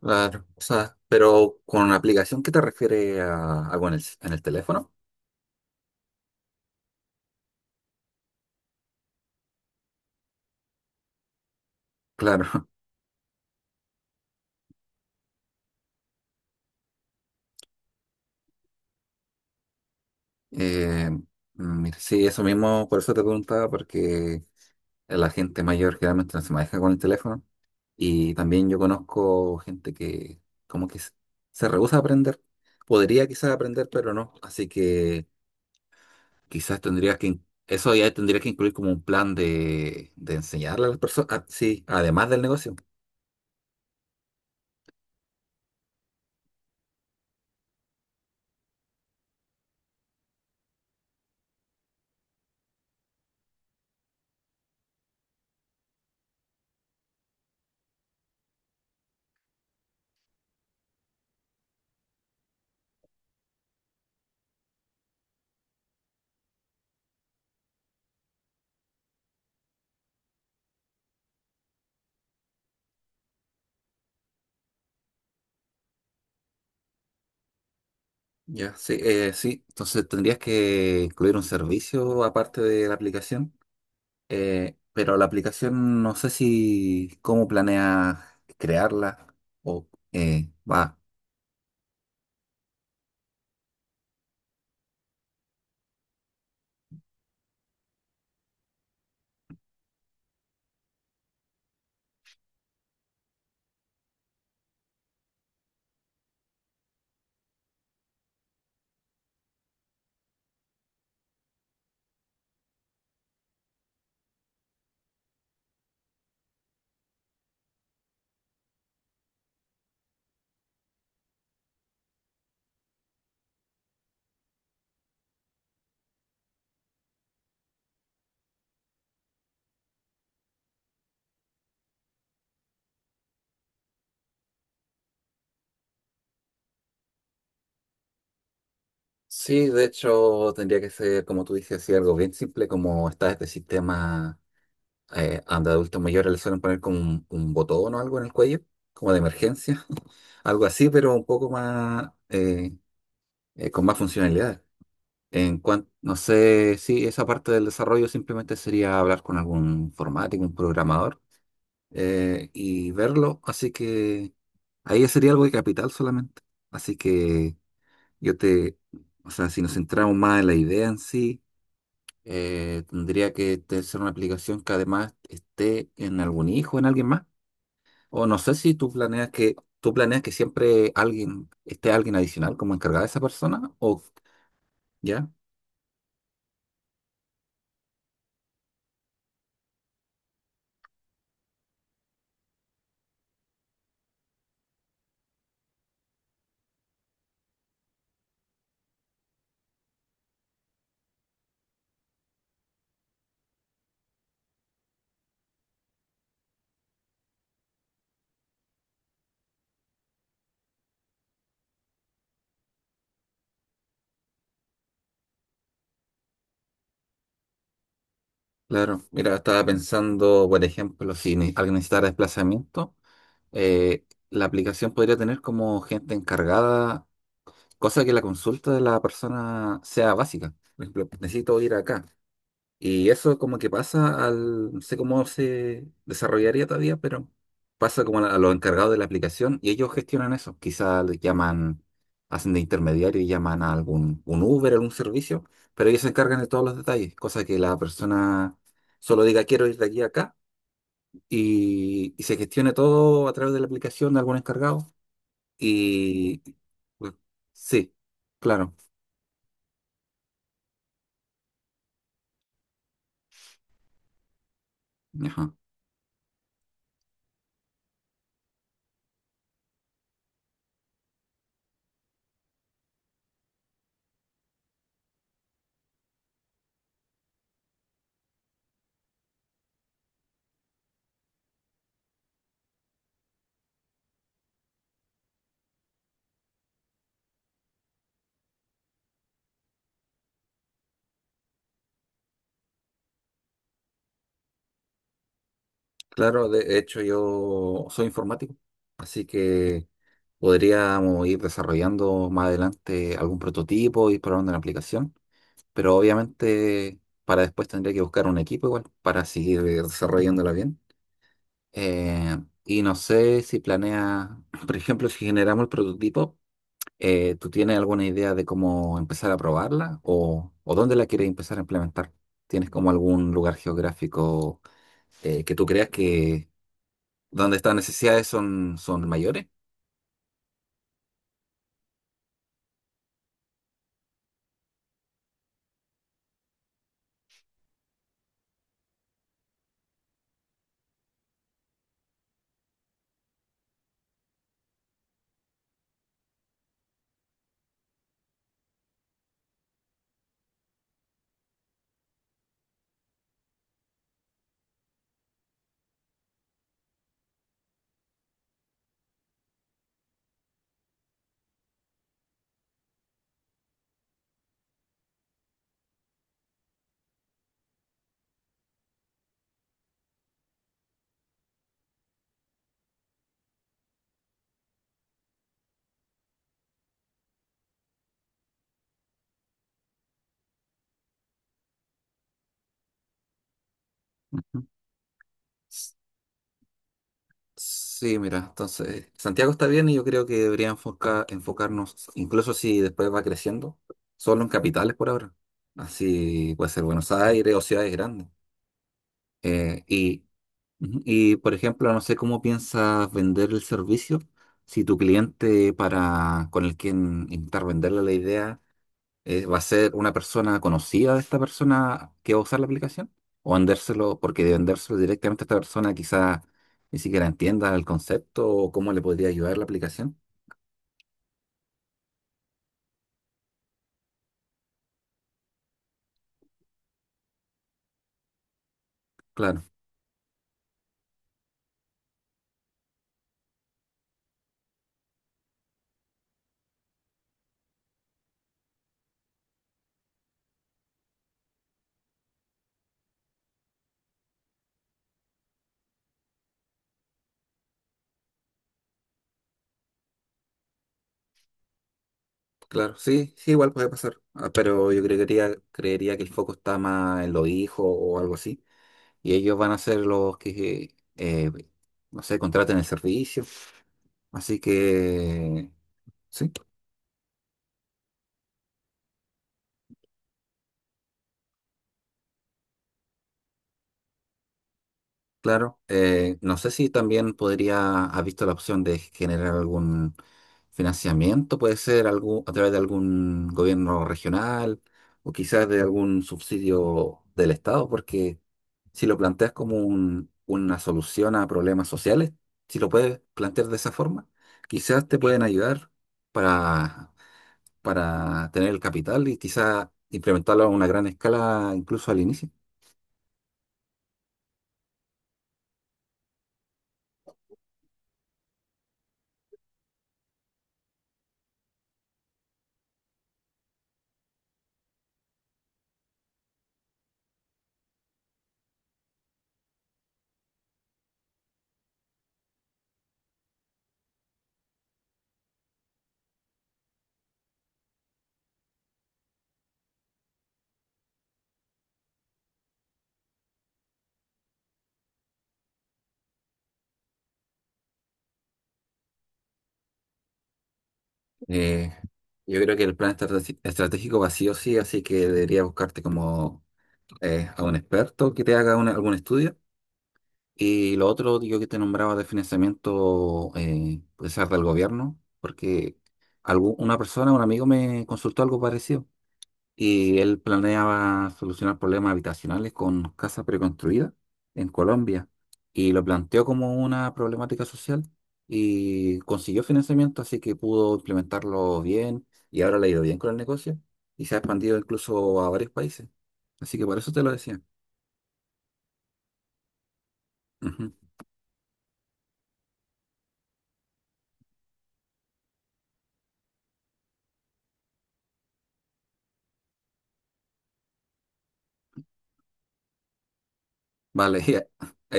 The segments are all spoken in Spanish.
Claro, o sea, pero con una aplicación, ¿qué te refiere a algo en el teléfono? Claro. eh, Mira, sí, eso mismo, por eso te preguntaba, porque la gente mayor generalmente no se maneja con el teléfono, y también yo conozco gente que como que se rehúsa a aprender. Podría quizás aprender, pero no, así que quizás tendrías que, eso ya tendría que incluir como un plan de enseñarle a las personas, ah, sí, además del negocio. Ya, sí, sí. Entonces tendrías que incluir un servicio aparte de la aplicación, pero la aplicación no sé si cómo planeas crearla o va. Sí, de hecho tendría que ser, como tú dices, así algo bien simple, como está este sistema, donde adultos mayores le suelen poner como un botón o algo en el cuello, como de emergencia, algo así, pero un poco más, con más funcionalidad. En cuanto, no sé si esa parte del desarrollo simplemente sería hablar con algún informático, un programador, y verlo. Así que ahí sería algo de capital solamente. Así que yo te, o sea, si nos centramos más en la idea en sí, tendría que ser una aplicación que además esté en algún hijo, en alguien más. O no sé si tú planeas tú planeas que siempre alguien, esté alguien adicional como encargada de esa persona, o ya. Claro, mira, estaba pensando, por ejemplo, si alguien necesitara desplazamiento, la aplicación podría tener como gente encargada, cosa que la consulta de la persona sea básica. Por ejemplo, necesito ir acá. Y eso como que pasa al, no sé cómo se desarrollaría todavía, pero pasa como a los encargados de la aplicación y ellos gestionan eso. Quizá le llaman, hacen de intermediario y llaman a algún un Uber, algún servicio, pero ellos se encargan de todos los detalles, cosa que la persona solo diga quiero ir de aquí a acá y se gestione todo a través de la aplicación de algún encargado. Y pues, sí, claro. Ajá. Claro, de hecho yo soy informático, así que... Podríamos ir desarrollando más adelante algún prototipo, ir probando la aplicación, pero obviamente para después tendría que buscar un equipo igual para seguir desarrollándola bien. Eh, y no sé si planea, por ejemplo, si generamos el prototipo, ¿tú tienes alguna idea de cómo empezar a probarla o dónde la quieres empezar a implementar? ¿Tienes como algún lugar geográfico que tú creas que donde estas necesidades son, son mayores? Ujú. Sí, mira, entonces Santiago está bien y yo creo que debería enfocarnos, incluso si después va creciendo, solo en capitales por ahora. Así puede ser Buenos Aires o ciudades grandes. Eh, y, ujú, y, por ejemplo, no sé cómo piensas vender el servicio. Si tu cliente para con el quien intentar venderle la idea, ¿va a ser una persona conocida de esta persona que va a usar la aplicación? ¿O vendérselo, porque de vendérselo directamente a esta persona quizás ni siquiera entienda el concepto o cómo le podría ayudar la aplicación? Claro, claro, sí, sí, igual puede pasar. Ah, pero yo creería, creería que el foco está más en los hijos o algo así. Y ellos van a ser los que, no sé, contraten el servicio. Así que, sí. Claro, no sé si también podría, has visto la opción de generar algún financiamiento, puede ser algún, a través de algún gobierno regional o quizás de algún subsidio del Estado, porque si lo planteas como una solución a problemas sociales, si lo puedes plantear de esa forma, quizás te pueden ayudar para, para tener el capital y quizás implementarlo a una gran escala incluso al inicio. Eh, yo creo que el plan estratégico va sí o sí, así que debería buscarte como a un experto que te haga algún estudio. Y lo otro, yo que te nombraba de financiamiento, puede ser del gobierno, porque una persona, un amigo me consultó algo parecido y él planeaba solucionar problemas habitacionales con casas preconstruidas en Colombia y lo planteó como una problemática social y consiguió financiamiento, así que pudo implementarlo bien y ahora le ha ido bien con el negocio y se ha expandido incluso a varios países. Así que por eso te lo decía. Ujú. Vale,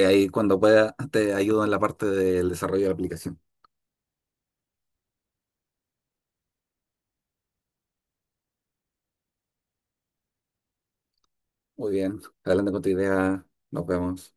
ahí cuando pueda te ayudo en la parte del desarrollo de la aplicación. Muy bien, adelante con tu idea, nos vemos.